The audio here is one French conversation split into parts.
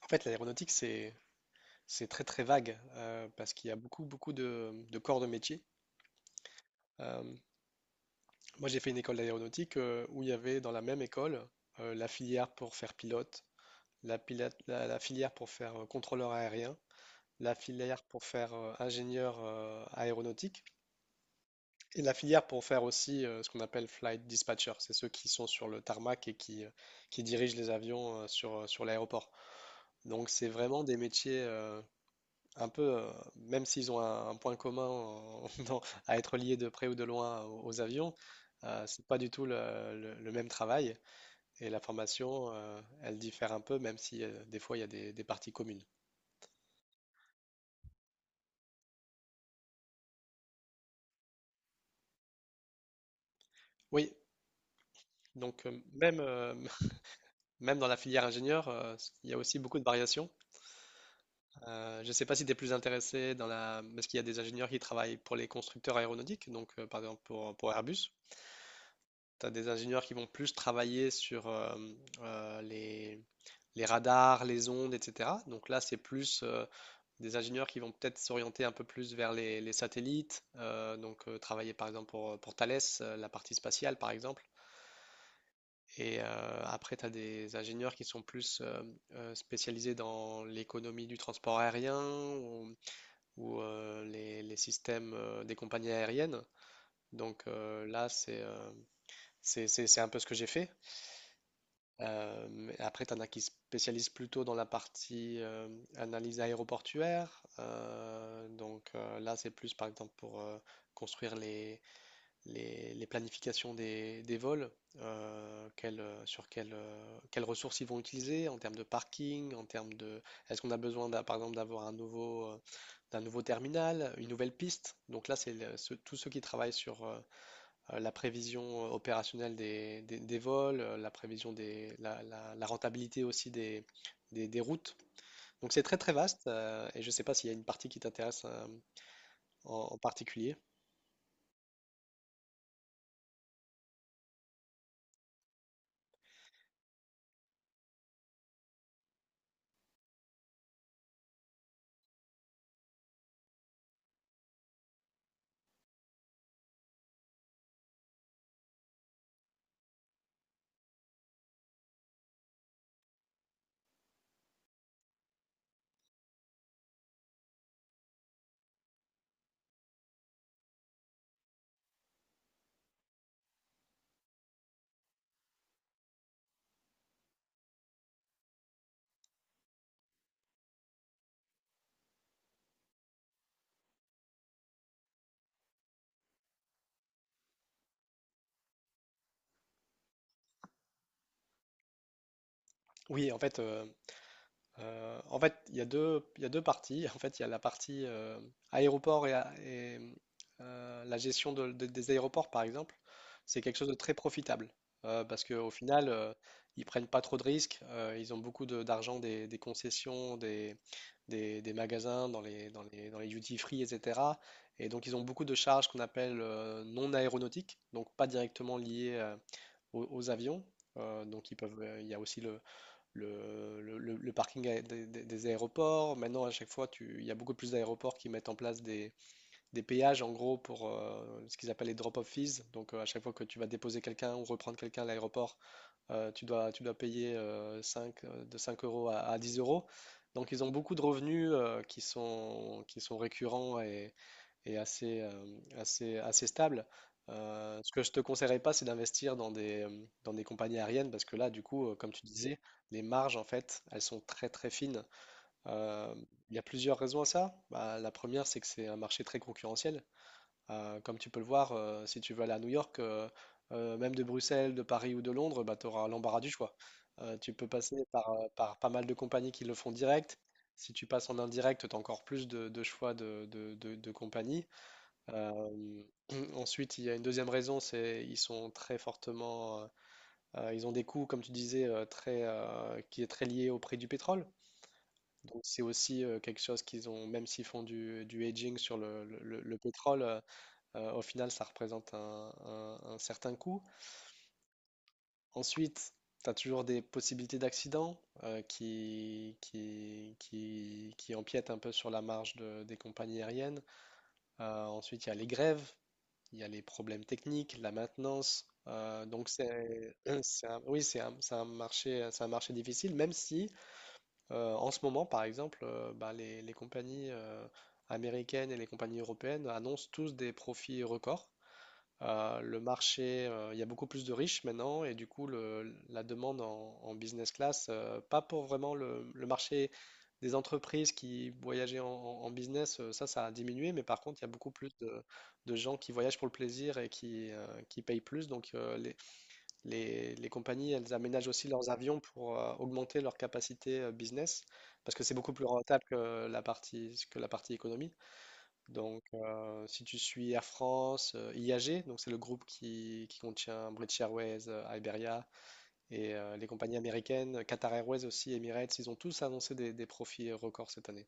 En fait, l'aéronautique, c'est très très vague, parce qu'il y a beaucoup beaucoup de corps de métier. Euh, Moi, j'ai fait une école d'aéronautique, où il y avait dans la même école, la filière pour faire pilote, la filière pour faire contrôleur aérien, la filière pour faire ingénieur aéronautique, et la filière pour faire aussi ce qu'on appelle flight dispatcher. C'est ceux qui sont sur le tarmac et qui dirigent les avions sur l'aéroport. Donc, c'est vraiment des métiers, même s'ils ont un point commun à être liés de près ou de loin aux avions, c'est pas du tout le même travail. Et la formation, elle diffère un peu, même si des fois il y a des parties communes. Oui, donc, même dans la filière ingénieur, il y a aussi beaucoup de variations. Je ne sais pas si tu es plus intéressé dans la, parce qu'il y a des ingénieurs qui travaillent pour les constructeurs aéronautiques, donc, par exemple pour Airbus. Tu as des ingénieurs qui vont plus travailler sur euh, les, les radars, les ondes, etc. Donc là, c'est plus, des ingénieurs qui vont peut-être s'orienter un peu plus vers les satellites, travailler par exemple pour Thales, la partie spatiale par exemple. Et après, tu as des ingénieurs qui sont plus spécialisés dans l'économie du transport aérien, ou, les systèmes des compagnies aériennes. Donc, là, c'est un peu ce que j'ai fait. Et après, tu en as qui se spécialisent plutôt dans la partie analyse aéroportuaire. Là, c'est plus par exemple pour, construire les planifications des vols, quelles ressources ils vont utiliser en termes de parking, en termes de. Est-ce qu'on a besoin par exemple d'avoir d'un nouveau terminal, une nouvelle piste? Donc là, tous ceux qui travaillent sur, la prévision opérationnelle des vols, la prévision des, la rentabilité aussi des routes. Donc c'est très très vaste, et je ne sais pas s'il y a une partie qui t'intéresse en particulier. Oui, en fait, il y a deux, il y a deux parties. En fait, il y a la partie aéroport et la gestion des aéroports, par exemple. C'est quelque chose de très profitable parce qu'au final, ils prennent pas trop de risques. Ils ont beaucoup d'argent des concessions, des magasins, dans les duty-free, etc. Et donc, ils ont beaucoup de charges qu'on appelle non aéronautiques, donc pas directement liées aux avions. Donc, il y a aussi le parking a- des aéroports. Maintenant, à chaque fois, il y a beaucoup plus d'aéroports qui mettent en place des péages, en gros, pour ce qu'ils appellent les drop-off fees. Donc, à chaque fois que tu vas déposer quelqu'un ou reprendre quelqu'un à l'aéroport, tu dois payer de 5 € à, 10 euros. Donc, ils ont beaucoup de revenus qui sont récurrents et assez, assez stable. Ce que je te conseillerais pas, c'est d'investir dans des compagnies aériennes parce que là, du coup, comme tu disais, les marges, en fait, elles sont très très fines. Euh, il y a plusieurs raisons à ça. Bah, la première, c'est que c'est un marché très concurrentiel. Comme tu peux le voir, si tu veux aller à New York, même de Bruxelles, de Paris ou de Londres, bah, tu auras l'embarras du choix. Tu peux passer par, par pas mal de compagnies qui le font direct. Si tu passes en indirect, tu as encore plus de, choix de compagnies. Euh, Ensuite, il y a une deuxième raison, c'est ils sont très fortement, ils ont des coûts, comme tu disais, qui est très lié au prix du pétrole. Donc c'est aussi, quelque chose qu'ils ont, même s'ils font du hedging sur le pétrole, au final, ça représente un certain coût. Ensuite, tu as toujours des possibilités d'accidents qui empiètent un peu sur la marge des compagnies aériennes. Ensuite, il y a les grèves. Il y a les problèmes techniques, la maintenance. Oui, c'est un marché, c'est un marché difficile, même si en ce moment, par exemple, bah, les compagnies américaines et les compagnies européennes annoncent tous des profits records. Le marché, il y a beaucoup plus de riches maintenant et du coup, la demande en business class, pas pour vraiment le marché des entreprises qui voyageaient en, business, ça a diminué, mais par contre, il y a beaucoup plus de, gens qui voyagent pour le plaisir et qui payent plus. Donc, les compagnies, elles aménagent aussi leurs avions pour augmenter leur capacité business parce que c'est beaucoup plus rentable que la partie économie. Donc, si tu suis Air France, IAG, donc c'est le groupe qui contient British Airways, Iberia et les compagnies américaines, Qatar Airways aussi, Emirates, ils ont tous annoncé des, profits records cette année.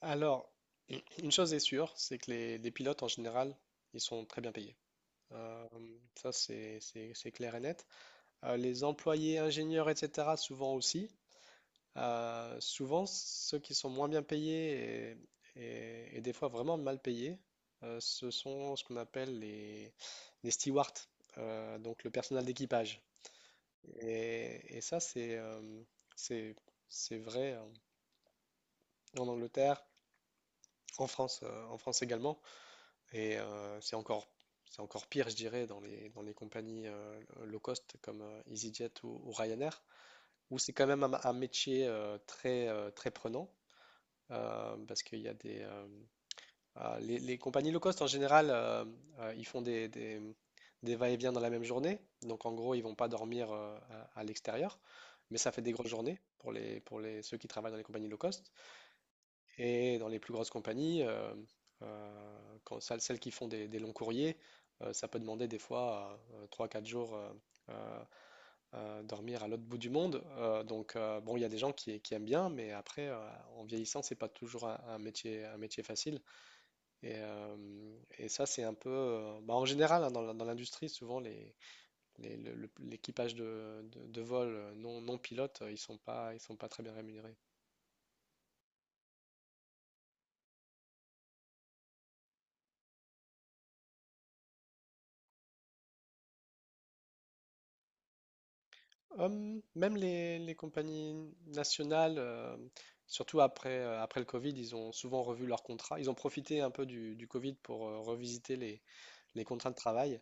Alors, une chose est sûre, c'est que les pilotes en général, ils sont très bien payés. Euh, Ça, c'est clair et net. Les employés, ingénieurs, etc., souvent aussi. Souvent, ceux qui sont moins bien payés et des fois vraiment mal payés, ce sont ce qu'on appelle les stewards, donc le personnel d'équipage. Et ça, c'est, c'est c'est vrai en Angleterre, en France également. Et c'est encore pire, je dirais, dans les compagnies low cost comme EasyJet , ou Ryanair, où c'est quand même un métier très très prenant. Parce qu'il y a des ah, Les compagnies low cost en général, ils font des va-et-vient dans la même journée, donc en gros ils vont pas dormir à, l'extérieur, mais ça fait des grosses journées pour les ceux qui travaillent dans les compagnies low cost, et dans les plus grosses compagnies, celles qui font des, longs courriers, ça peut demander des fois trois quatre jours, euh, dormir à l'autre bout du monde. Bon, il y a des gens qui aiment bien, mais après, en vieillissant, c'est pas toujours un métier facile. Et ça, c'est un peu. Bah, en général, hein, dans l'industrie, souvent, l'équipage de vol, non, non pilote, ils sont pas très bien rémunérés. Même les compagnies nationales, surtout après, après le Covid, ils ont souvent revu leurs contrats. Ils ont profité un peu du Covid pour revisiter les contrats de travail.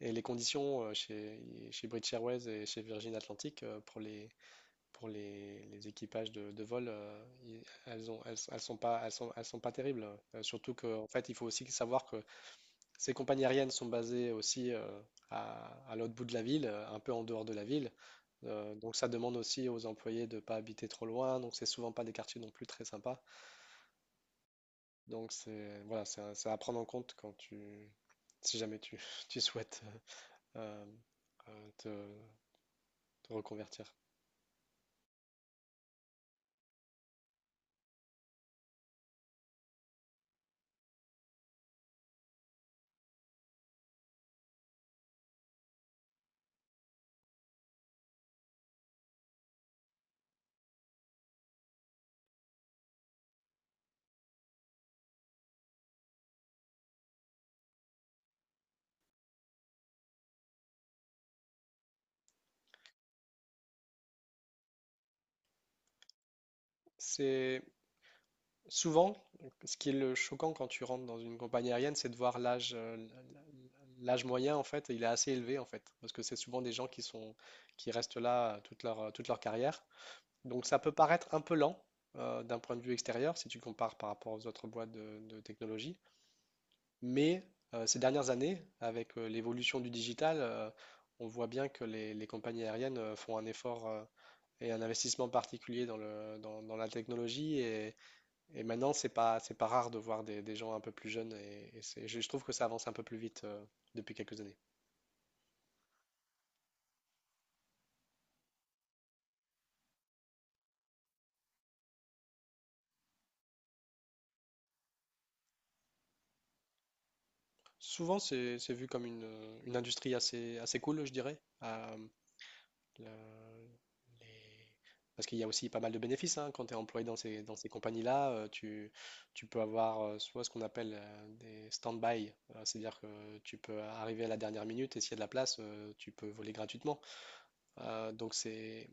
Et les conditions chez British Airways et chez Virgin Atlantic pour les, pour les équipages de vol, elles sont pas terribles. Surtout que, en fait, il faut aussi savoir que ces compagnies aériennes sont basées aussi à, l'autre bout de la ville, un peu en dehors de la ville. Donc ça demande aussi aux employés de ne pas habiter trop loin. Donc c'est souvent pas des quartiers non plus très sympas. Donc c'est voilà, c'est à prendre en compte si jamais tu, tu souhaites euh, euh, te, te, reconvertir. C'est souvent ce qui est le choquant quand tu rentres dans une compagnie aérienne, c'est de voir l'âge l'âge moyen en fait, il est assez élevé en fait, parce que c'est souvent des gens qui restent là toute leur carrière. Donc ça peut paraître un peu lent d'un point de vue extérieur si tu compares par rapport aux autres boîtes de technologie, mais ces dernières années, avec l'évolution du digital, on voit bien que les compagnies aériennes font un effort et un investissement particulier dans la technologie. Et maintenant, c'est pas rare de voir des, gens un peu plus jeunes et c'est, je trouve que ça avance un peu plus vite depuis quelques années. Souvent, c'est vu comme une industrie assez cool, je dirais. La- les- Parce qu'il y a aussi pas mal de bénéfices, hein, quand tu es employé dans ces compagnies-là. Tu peux avoir soit ce qu'on appelle des stand-by, c'est-à-dire que tu peux arriver à la dernière minute et s'il y a de la place, tu peux voler gratuitement. Euh, donc c'est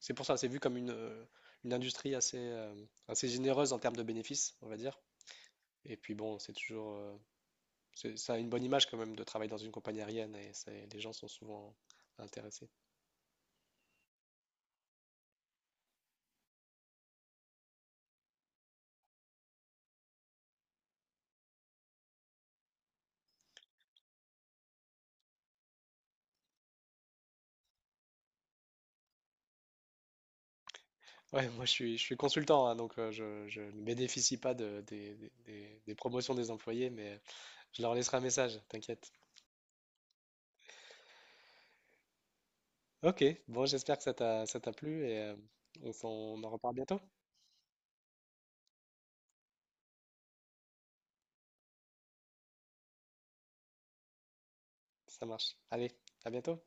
C'est pour ça, c'est vu comme une industrie assez, assez généreuse en termes de bénéfices, on va dire. Et puis bon, c'est toujours, ça a une bonne image quand même de travailler dans une compagnie aérienne et les gens sont souvent intéressés. Ouais, moi je suis consultant, hein, donc je ne bénéficie pas des promotions des employés, mais je leur laisserai un message, t'inquiète. Ok, bon, j'espère que ça t'a plu et on en reparle bientôt. Ça marche. Allez, à bientôt.